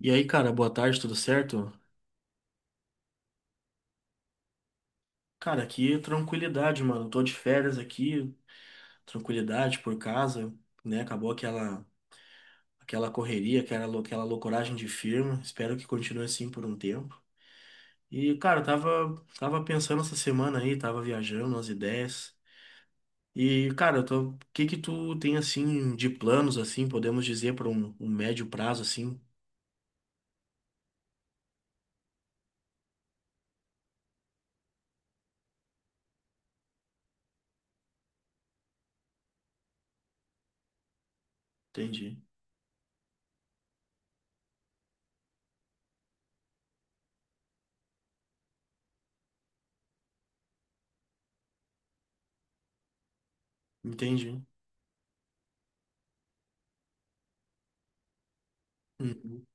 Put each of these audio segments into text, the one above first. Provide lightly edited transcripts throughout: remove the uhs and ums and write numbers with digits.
E aí, cara, boa tarde, tudo certo? Cara, aqui tranquilidade, mano. Tô de férias aqui, tranquilidade por casa, né? Acabou aquela correria, aquela loucoragem de firma. Espero que continue assim por um tempo. E, cara, eu tava pensando essa semana aí, tava viajando umas ideias. E, cara, eu tô, o que que tu tem assim de planos assim, podemos dizer para um médio prazo assim? Entendi. Entendi. Uhum.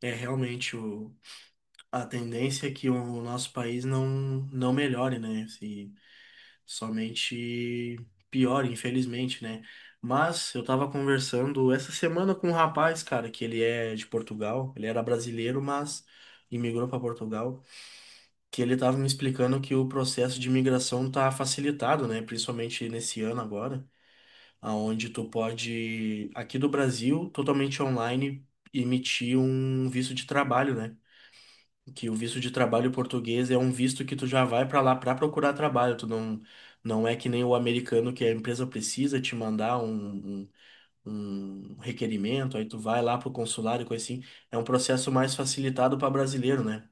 É realmente o A tendência é que o nosso país não melhore, né? Se somente piore, infelizmente, né? Mas eu tava conversando essa semana com um rapaz, cara, que ele é de Portugal, ele era brasileiro, mas imigrou para Portugal, que ele tava me explicando que o processo de imigração tá facilitado, né? Principalmente nesse ano agora, aonde tu pode, aqui do Brasil, totalmente online, emitir um visto de trabalho, né? Que o visto de trabalho português é um visto que tu já vai para lá para procurar trabalho, tu não é que nem o americano que a empresa precisa te mandar um requerimento, aí tu vai lá pro consulado e coisa assim. É um processo mais facilitado para brasileiro, né?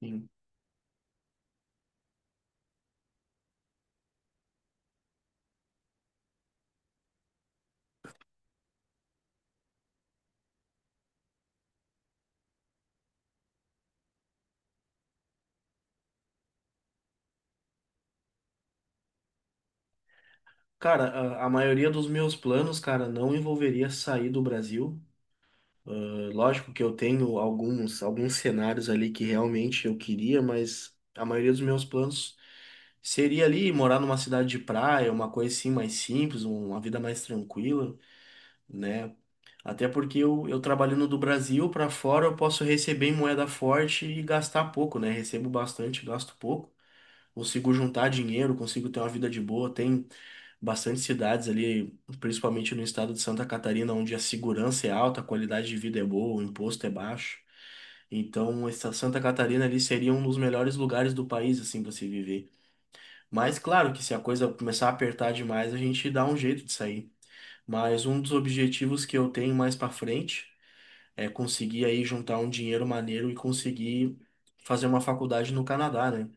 Sim. Cara, a maioria dos meus planos, cara, não envolveria sair do Brasil. Lógico que eu tenho alguns cenários ali que realmente eu queria, mas a maioria dos meus planos seria ali morar numa cidade de praia, uma coisa assim mais simples, uma vida mais tranquila, né? Até porque eu trabalhando do Brasil para fora, eu posso receber em moeda forte e gastar pouco, né? Recebo bastante, gasto pouco. Consigo juntar dinheiro, consigo ter uma vida de boa. Tem bastante cidades ali, principalmente no estado de Santa Catarina, onde a segurança é alta, a qualidade de vida é boa, o imposto é baixo. Então, essa Santa Catarina ali seria um dos melhores lugares do país, assim, pra se viver. Mas, claro que se a coisa começar a apertar demais, a gente dá um jeito de sair. Mas um dos objetivos que eu tenho mais pra frente é conseguir aí juntar um dinheiro maneiro e conseguir fazer uma faculdade no Canadá, né?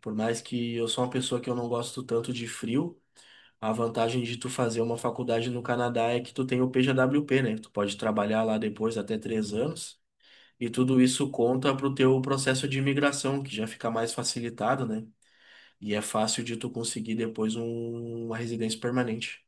Por mais que eu sou uma pessoa que eu não gosto tanto de frio, a vantagem de tu fazer uma faculdade no Canadá é que tu tem o PJWP, né? Tu pode trabalhar lá depois até três anos. E tudo isso conta pro teu processo de imigração, que já fica mais facilitado, né? E é fácil de tu conseguir depois uma residência permanente.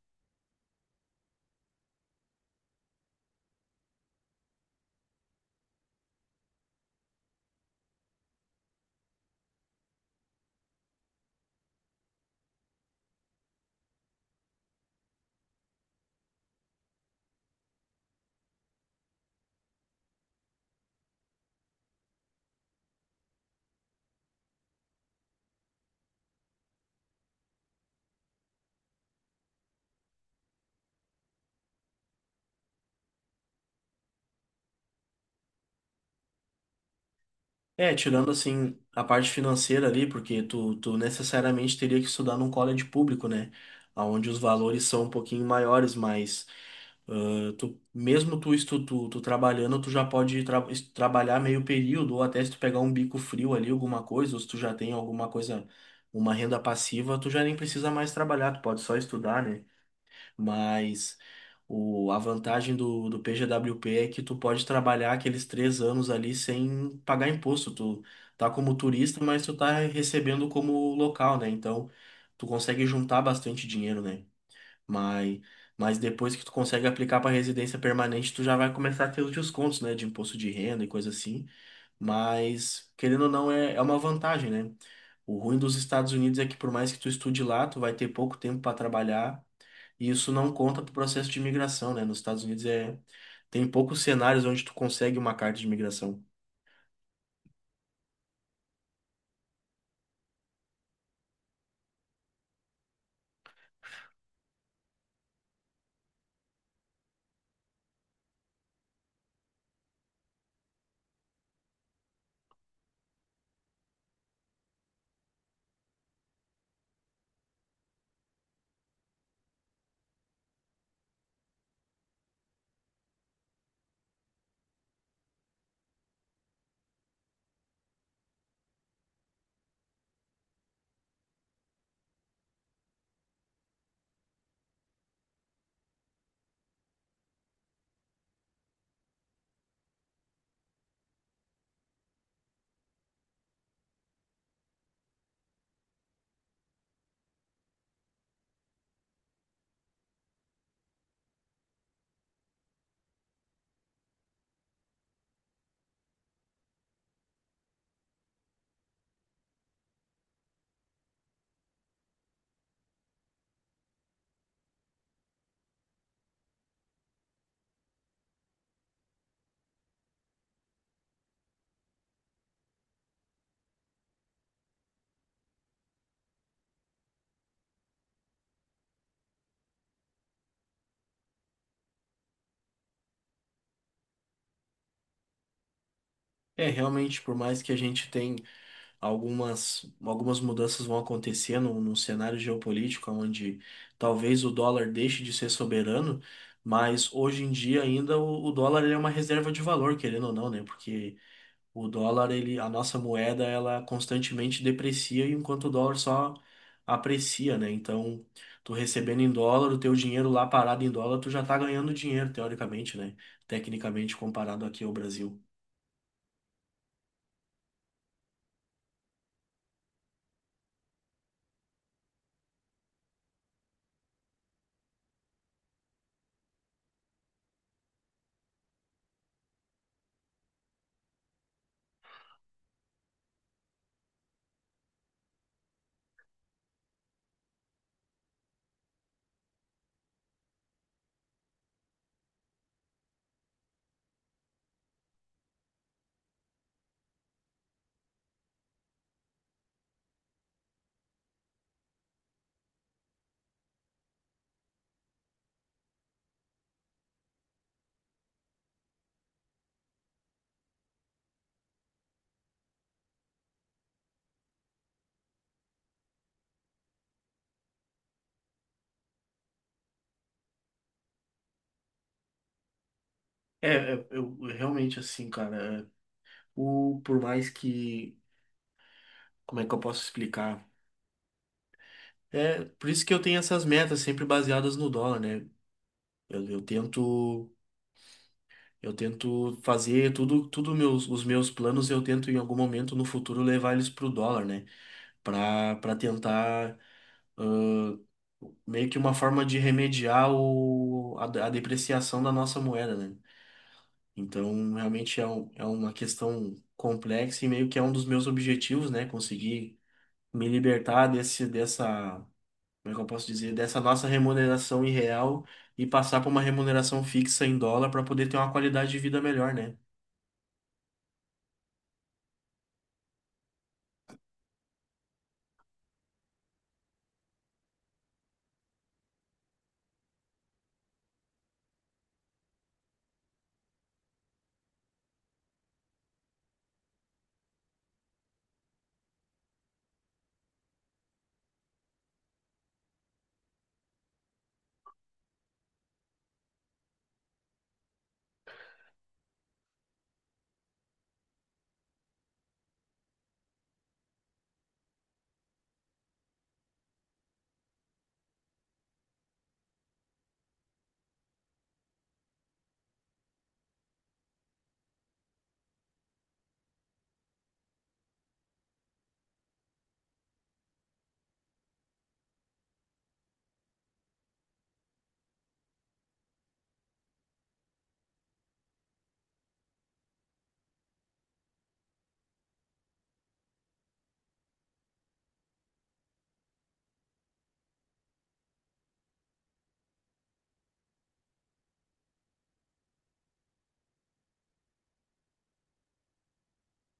É, tirando assim a parte financeira ali, porque tu necessariamente teria que estudar num college público, né? Onde os valores são um pouquinho maiores, mas ah, tu, mesmo tu, estu, tu, tu trabalhando, tu já pode trabalhar meio período, ou até se tu pegar um bico frio ali, alguma coisa, ou se tu já tem alguma coisa, uma renda passiva, tu já nem precisa mais trabalhar, tu pode só estudar, né? Mas a vantagem do PGWP é que tu pode trabalhar aqueles três anos ali sem pagar imposto. Tu tá como turista, mas tu tá recebendo como local, né? Então tu consegue juntar bastante dinheiro, né? Mas, mas depois que tu consegue aplicar para residência permanente, tu já vai começar a ter os descontos, né? De imposto de renda e coisa assim. Mas, querendo ou não, é uma vantagem, né? O ruim dos Estados Unidos é que por mais que tu estude lá, tu vai ter pouco tempo para trabalhar e isso não conta para o processo de imigração, né? Nos Estados Unidos é tem poucos cenários onde tu consegue uma carta de imigração. É, realmente, por mais que a gente tem algumas, algumas mudanças vão acontecer num cenário geopolítico onde talvez o dólar deixe de ser soberano, mas hoje em dia ainda o dólar ele é uma reserva de valor, querendo ou não, né? Porque o dólar, ele, a nossa moeda, ela constantemente deprecia, enquanto o dólar só aprecia, né? Então, tu recebendo em dólar, o teu dinheiro lá parado em dólar, tu já tá ganhando dinheiro, teoricamente, né? Tecnicamente, comparado aqui ao Brasil. Eu realmente assim, cara, é, o, por mais que, como é que eu posso explicar? É, por isso que eu tenho essas metas sempre baseadas no dólar, né? Eu tento. Eu tento fazer tudo, tudo meus, os meus planos, eu tento em algum momento no futuro levar eles pro dólar, né? Para tentar meio que uma forma de remediar o, a depreciação da nossa moeda, né? Então, realmente é, um, é uma questão complexa e meio que é um dos meus objetivos, né? Conseguir me libertar desse, dessa, como é que eu posso dizer, dessa nossa remuneração irreal e passar para uma remuneração fixa em dólar para poder ter uma qualidade de vida melhor, né?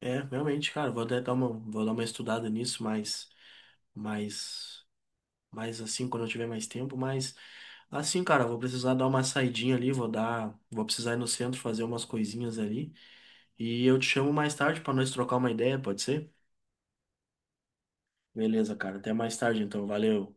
É, realmente, cara, vou até dar uma, vou dar uma estudada nisso, mas, mas assim, quando eu tiver mais tempo, mas assim, cara, vou precisar dar uma saidinha ali, vou dar, vou precisar ir no centro fazer umas coisinhas ali, e eu te chamo mais tarde pra nós trocar uma ideia, pode ser? Beleza, cara, até mais tarde então, valeu.